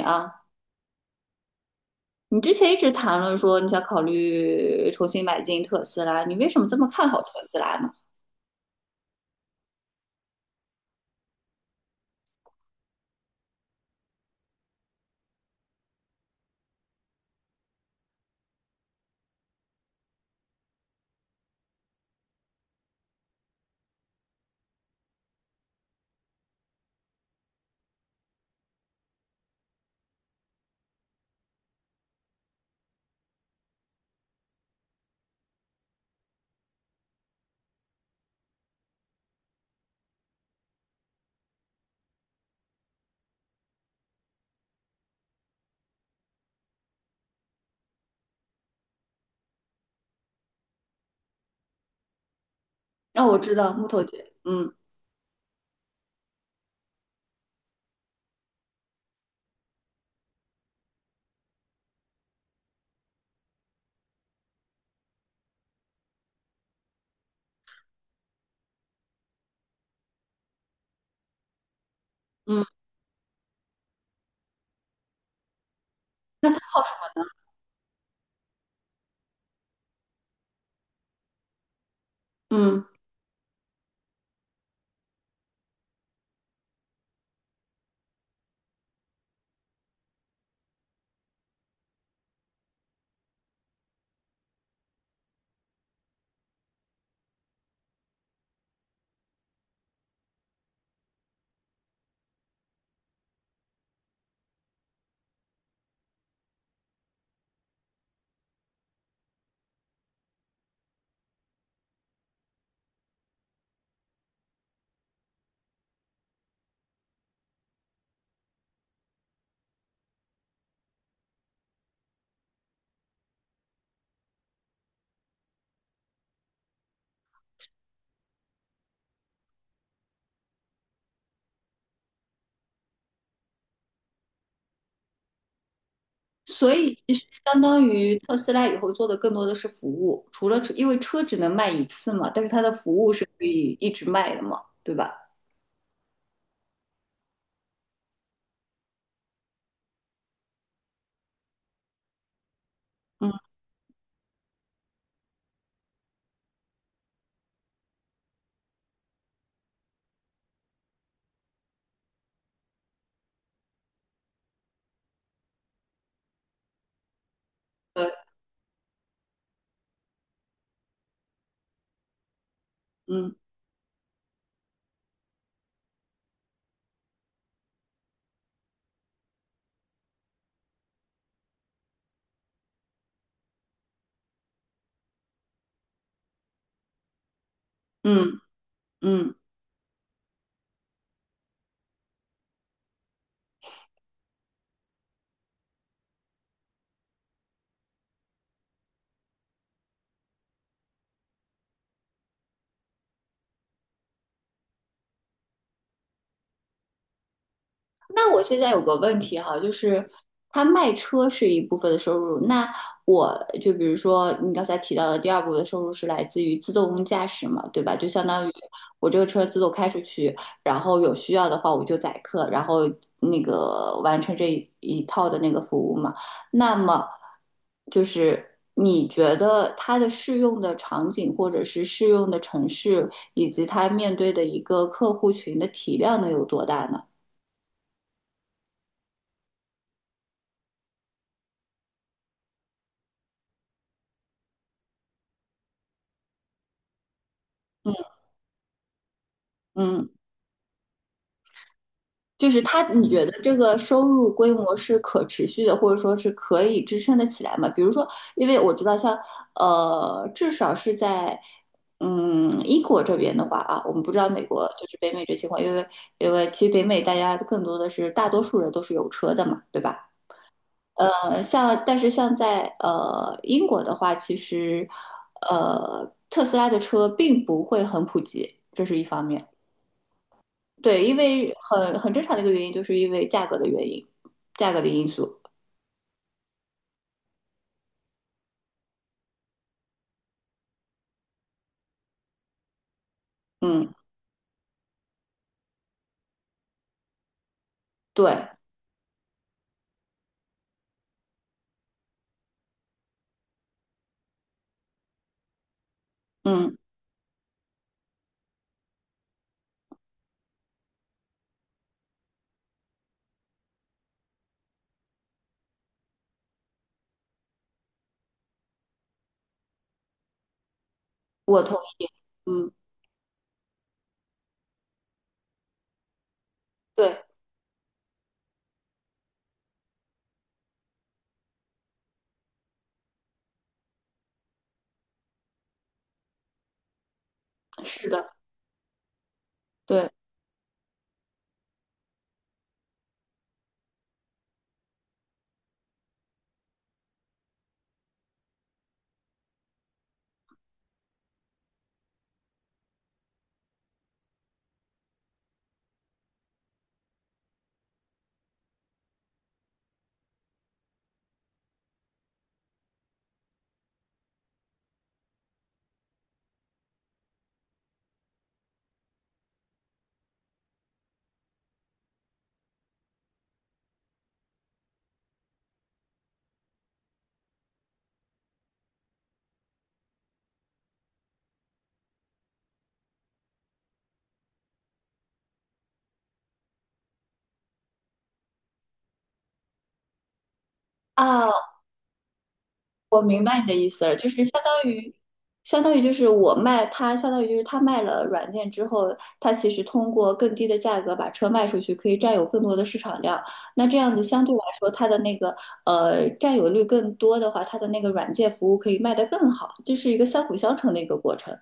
啊，你之前一直谈论说你想考虑重新买进特斯拉，你为什么这么看好特斯拉呢？那我知道木头姐，嗯嗯嗯，所以其实相当于特斯拉以后做的更多的是服务，除了车，因为车只能卖一次嘛，但是它的服务是可以一直卖的嘛，对吧？嗯，对，嗯嗯嗯。那我现在有个问题哈，就是他卖车是一部分的收入，那我就比如说你刚才提到的第二部分的收入是来自于自动驾驶嘛，对吧？就相当于我这个车自动开出去，然后有需要的话我就载客，然后那个完成这一套的那个服务嘛。那么就是你觉得它的适用的场景或者是适用的城市，以及它面对的一个客户群的体量能有多大呢？嗯嗯。就是他，你觉得这个收入规模是可持续的，或者说是可以支撑得起来吗？比如说，因为我知道像至少是在英国这边的话啊，我们不知道美国就是北美这情况，因为其实北美大家更多的是大多数人都是有车的嘛，对吧？像但是像在英国的话，其实特斯拉的车并不会很普及，这是一方面。对，因为很正常的一个原因，就是因为价格的原因，价格的因素。嗯，对，嗯，我同意。嗯，对，是的，对啊，sir，就是相当于就是我卖他，相当于就是他卖了软件之后，他其实通过更低的价格把车卖出去，可以占有更多的市场量。那这样子相对来说，它的那个占有率更多的话，它的那个软件服务可以卖得更好，这是一个相辅相成的一个过程。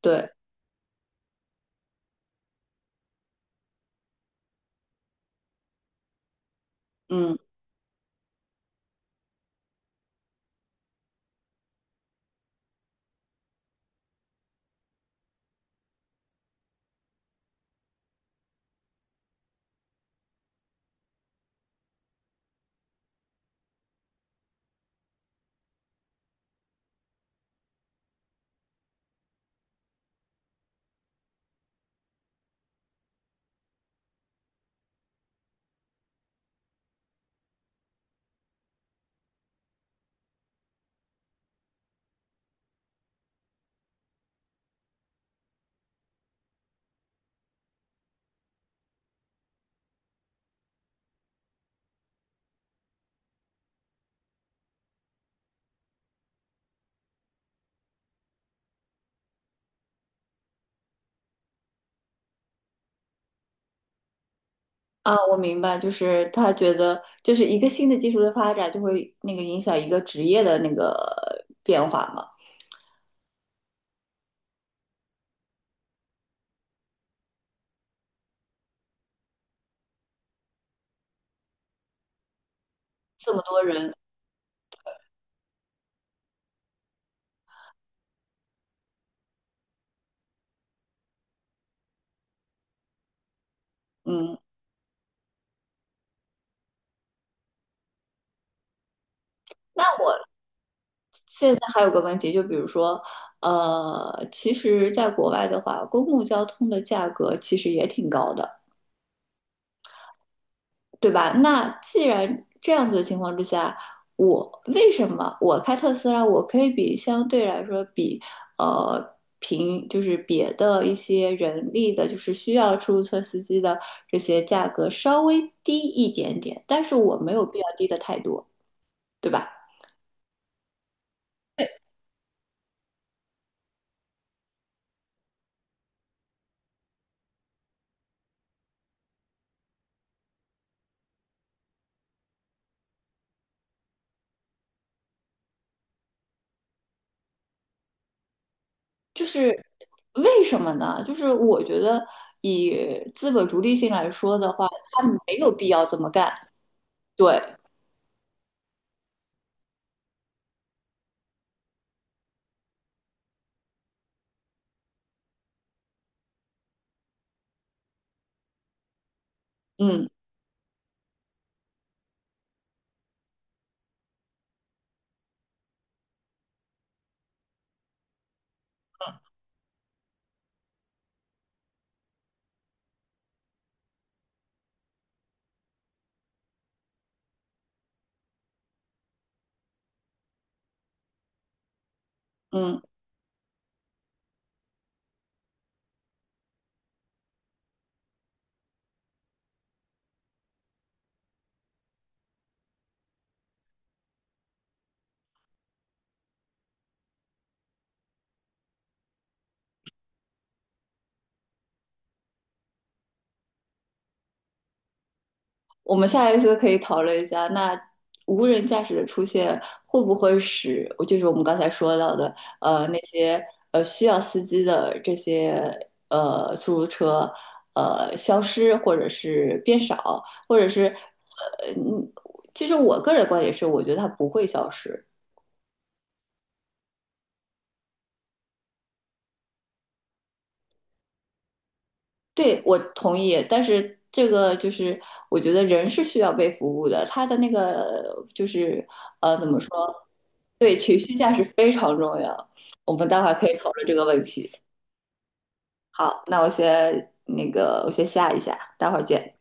对，嗯。啊，我明白，就是他觉得，就是一个新的技术的发展，就会那个影响一个职业的那个变化嘛。这么多人，嗯，那我现在还有个问题，就比如说，其实在国外的话，公共交通的价格其实也挺高的。对吧？那既然这样子的情况之下，我为什么我开特斯拉，我可以比相对来说比就是别的一些人力的，就是需要出租车司机的这些价格稍微低一点点，但是我没有必要低的太多，对吧？就是为什么呢？就是我觉得以资本逐利性来说的话，他没有必要这么干。对，嗯嗯。我们下一次可以讨论一下，那无人驾驶的出现会不会使，就是我们刚才说到的，呃，那些需要司机的这些出租车，消失，或者是变少，或者是其实我个人观点是，我觉得它不会消失。对，我同意，但是这个就是我觉得人是需要被服务的，他的那个就是对，情绪价值非常重要。我们待会儿可以讨论这个问题。好，那我先那个，我先下一下，待会儿见。